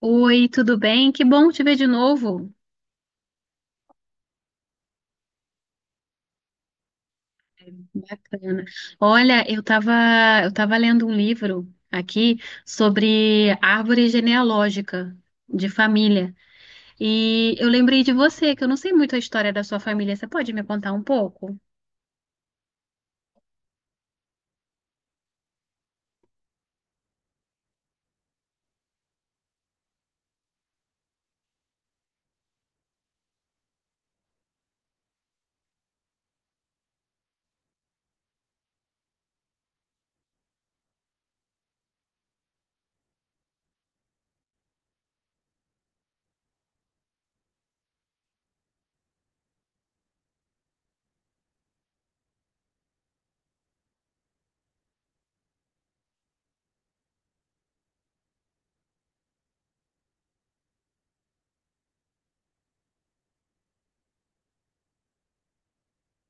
Oi, tudo bem? Que bom te ver de novo. Bacana. Olha, eu tava lendo um livro aqui sobre árvore genealógica de família. E eu lembrei de você, que eu não sei muito a história da sua família. Você pode me contar um pouco?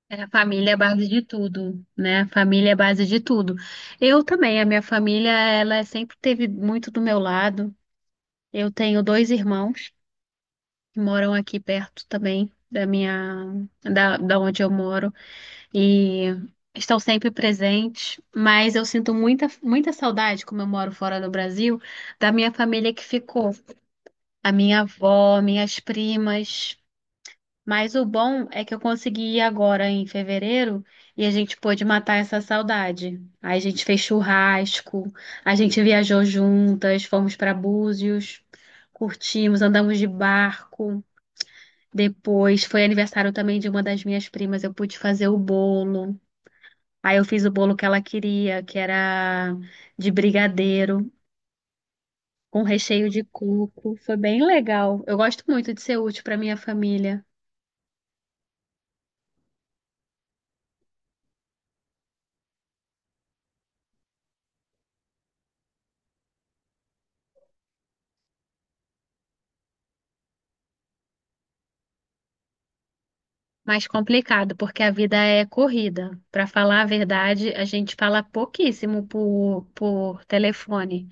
É, a família é a base de tudo, né? A família é a base de tudo. Eu também, a minha família, ela sempre teve muito do meu lado. Eu tenho dois irmãos que moram aqui perto também da onde eu moro. E estão sempre presentes, mas eu sinto muita saudade, como eu moro fora do Brasil, da minha família que ficou, a minha avó, minhas primas. Mas o bom é que eu consegui ir agora em fevereiro e a gente pôde matar essa saudade. Aí a gente fez churrasco, a gente viajou juntas, fomos para Búzios, curtimos, andamos de barco. Depois foi aniversário também de uma das minhas primas, eu pude fazer o bolo. Aí eu fiz o bolo que ela queria, que era de brigadeiro, com recheio de coco. Foi bem legal. Eu gosto muito de ser útil para minha família. Mas complicado, porque a vida é corrida. Para falar a verdade, a gente fala pouquíssimo por telefone,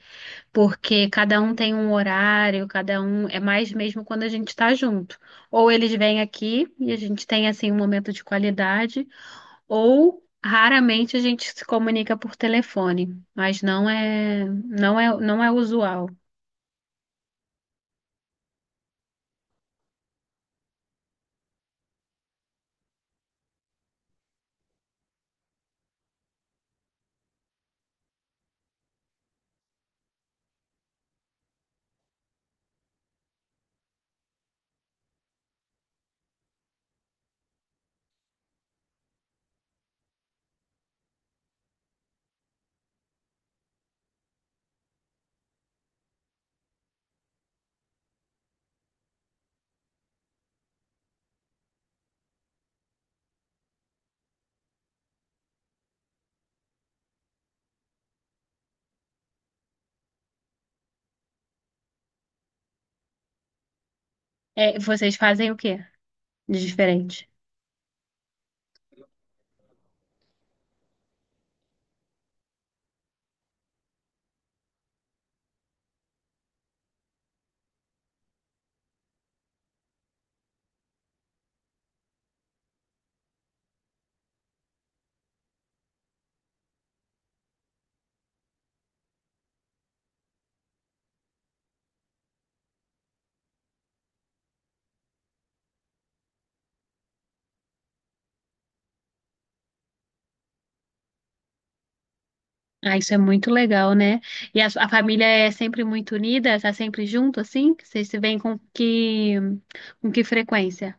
porque cada um tem um horário, cada um é mais mesmo quando a gente está junto. Ou eles vêm aqui e a gente tem assim um momento de qualidade. Ou raramente a gente se comunica por telefone, mas não é usual. É, vocês fazem o quê de diferente? Ah, isso é muito legal, né? E a família é sempre muito unida, tá sempre junto, assim? Vocês se veem com que frequência?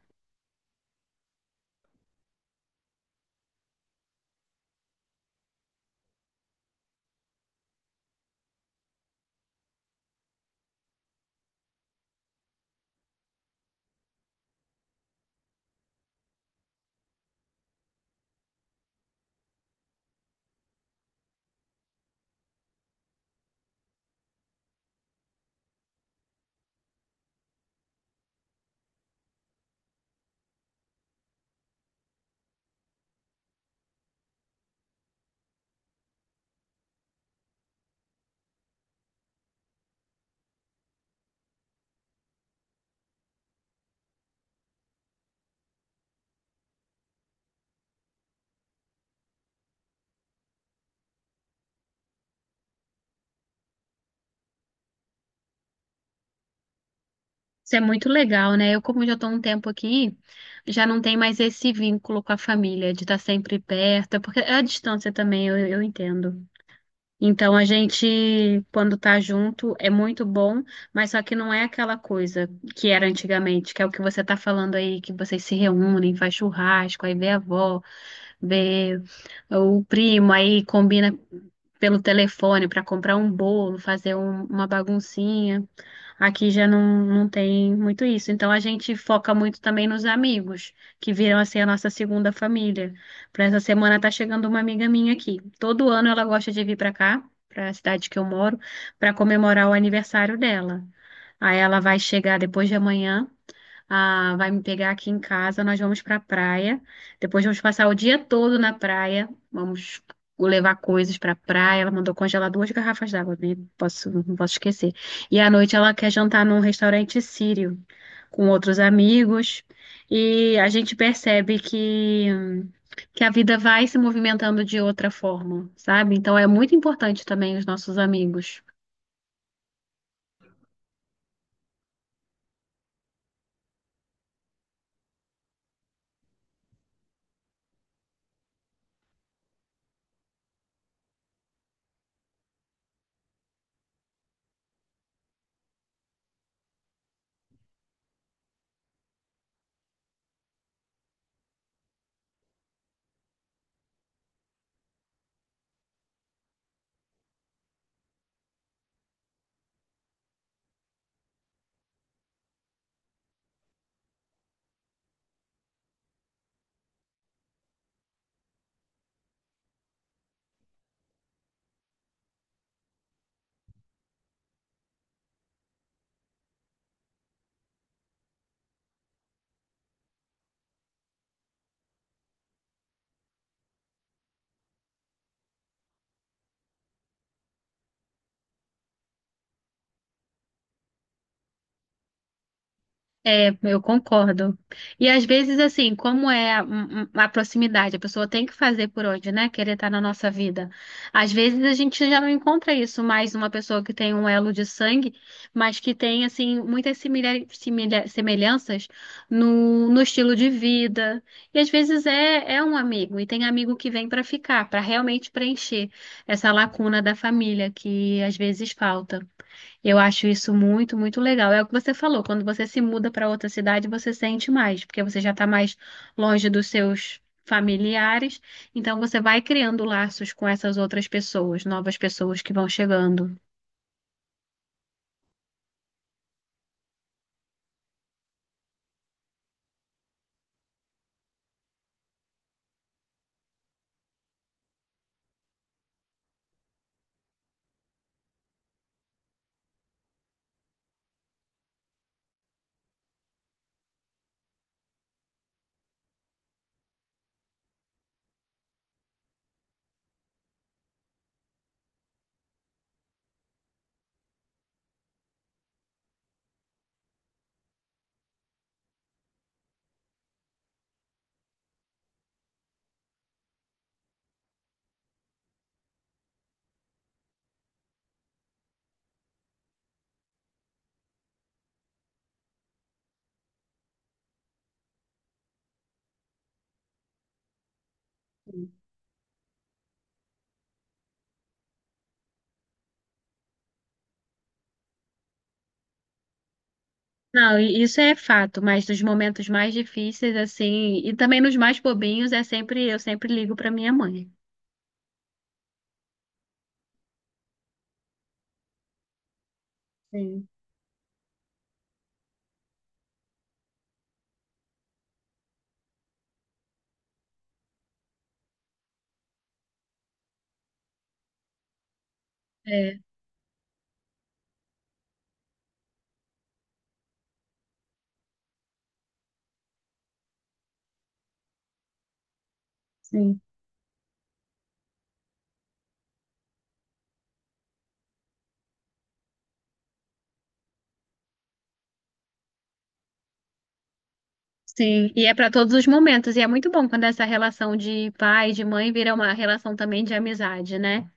Isso é muito legal, né? Eu, como já estou um tempo aqui, já não tem mais esse vínculo com a família, de estar sempre perto, porque é a distância também, eu entendo. Então a gente, quando tá junto, é muito bom, mas só que não é aquela coisa que era antigamente, que é o que você tá falando aí, que vocês se reúnem, faz churrasco, aí vê a avó, vê o primo, aí combina pelo telefone para comprar um bolo, uma baguncinha. Aqui já não, não tem muito isso. Então a gente foca muito também nos amigos, que viram a ser a nossa segunda família. Para essa semana tá chegando uma amiga minha aqui. Todo ano ela gosta de vir para cá, para a cidade que eu moro, para comemorar o aniversário dela. Aí ela vai chegar depois de amanhã. Ah, vai me pegar aqui em casa, nós vamos para a praia. Depois vamos passar o dia todo na praia. Vamos levar coisas para a praia. Ela mandou congelar duas garrafas d'água, né? Posso, não posso esquecer. E à noite ela quer jantar num restaurante sírio com outros amigos. E a gente percebe que a vida vai se movimentando de outra forma, sabe? Então é muito importante também os nossos amigos. É, eu concordo. E às vezes, assim, como é a, um- um- a proximidade, a pessoa tem que fazer por onde, né? Querer estar na nossa vida. Às vezes a gente já não encontra isso mais uma pessoa que tem um elo de sangue, mas que tem, assim, muitas semelhanças no estilo de vida. E às vezes é um amigo, e tem amigo que vem para ficar, para realmente preencher essa lacuna da família que às vezes falta. Eu acho isso muito legal. É o que você falou, quando você se muda para outra cidade, você sente mais, porque você já está mais longe dos seus familiares, então você vai criando laços com essas outras pessoas, novas pessoas que vão chegando. Não, e isso é fato, mas nos momentos mais difíceis, assim, e também nos mais bobinhos, é sempre, eu sempre ligo para minha mãe. Sim. É. Sim. Sim, e é para todos os momentos, e é muito bom quando essa relação de pai e de mãe vira uma relação também de amizade, né?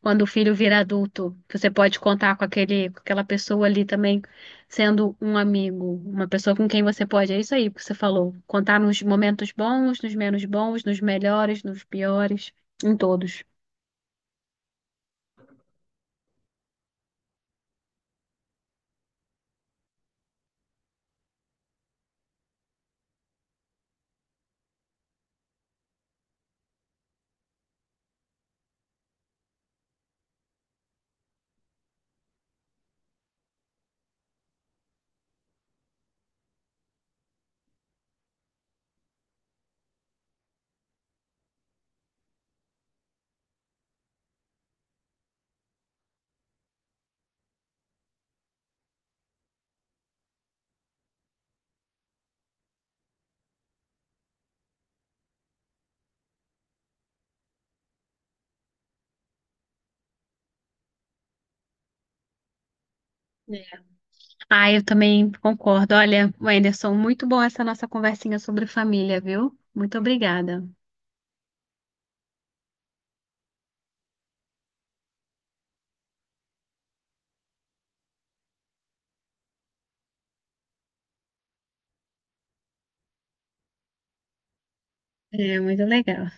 Quando o filho vira adulto, que você pode contar com aquele, com aquela pessoa ali também sendo um amigo, uma pessoa com quem você pode, é isso aí que você falou, contar nos momentos bons, nos menos bons, nos melhores, nos piores, em todos. É. Ah, eu também concordo. Olha, Wenderson, muito bom essa nossa conversinha sobre família, viu? Muito obrigada. É muito legal.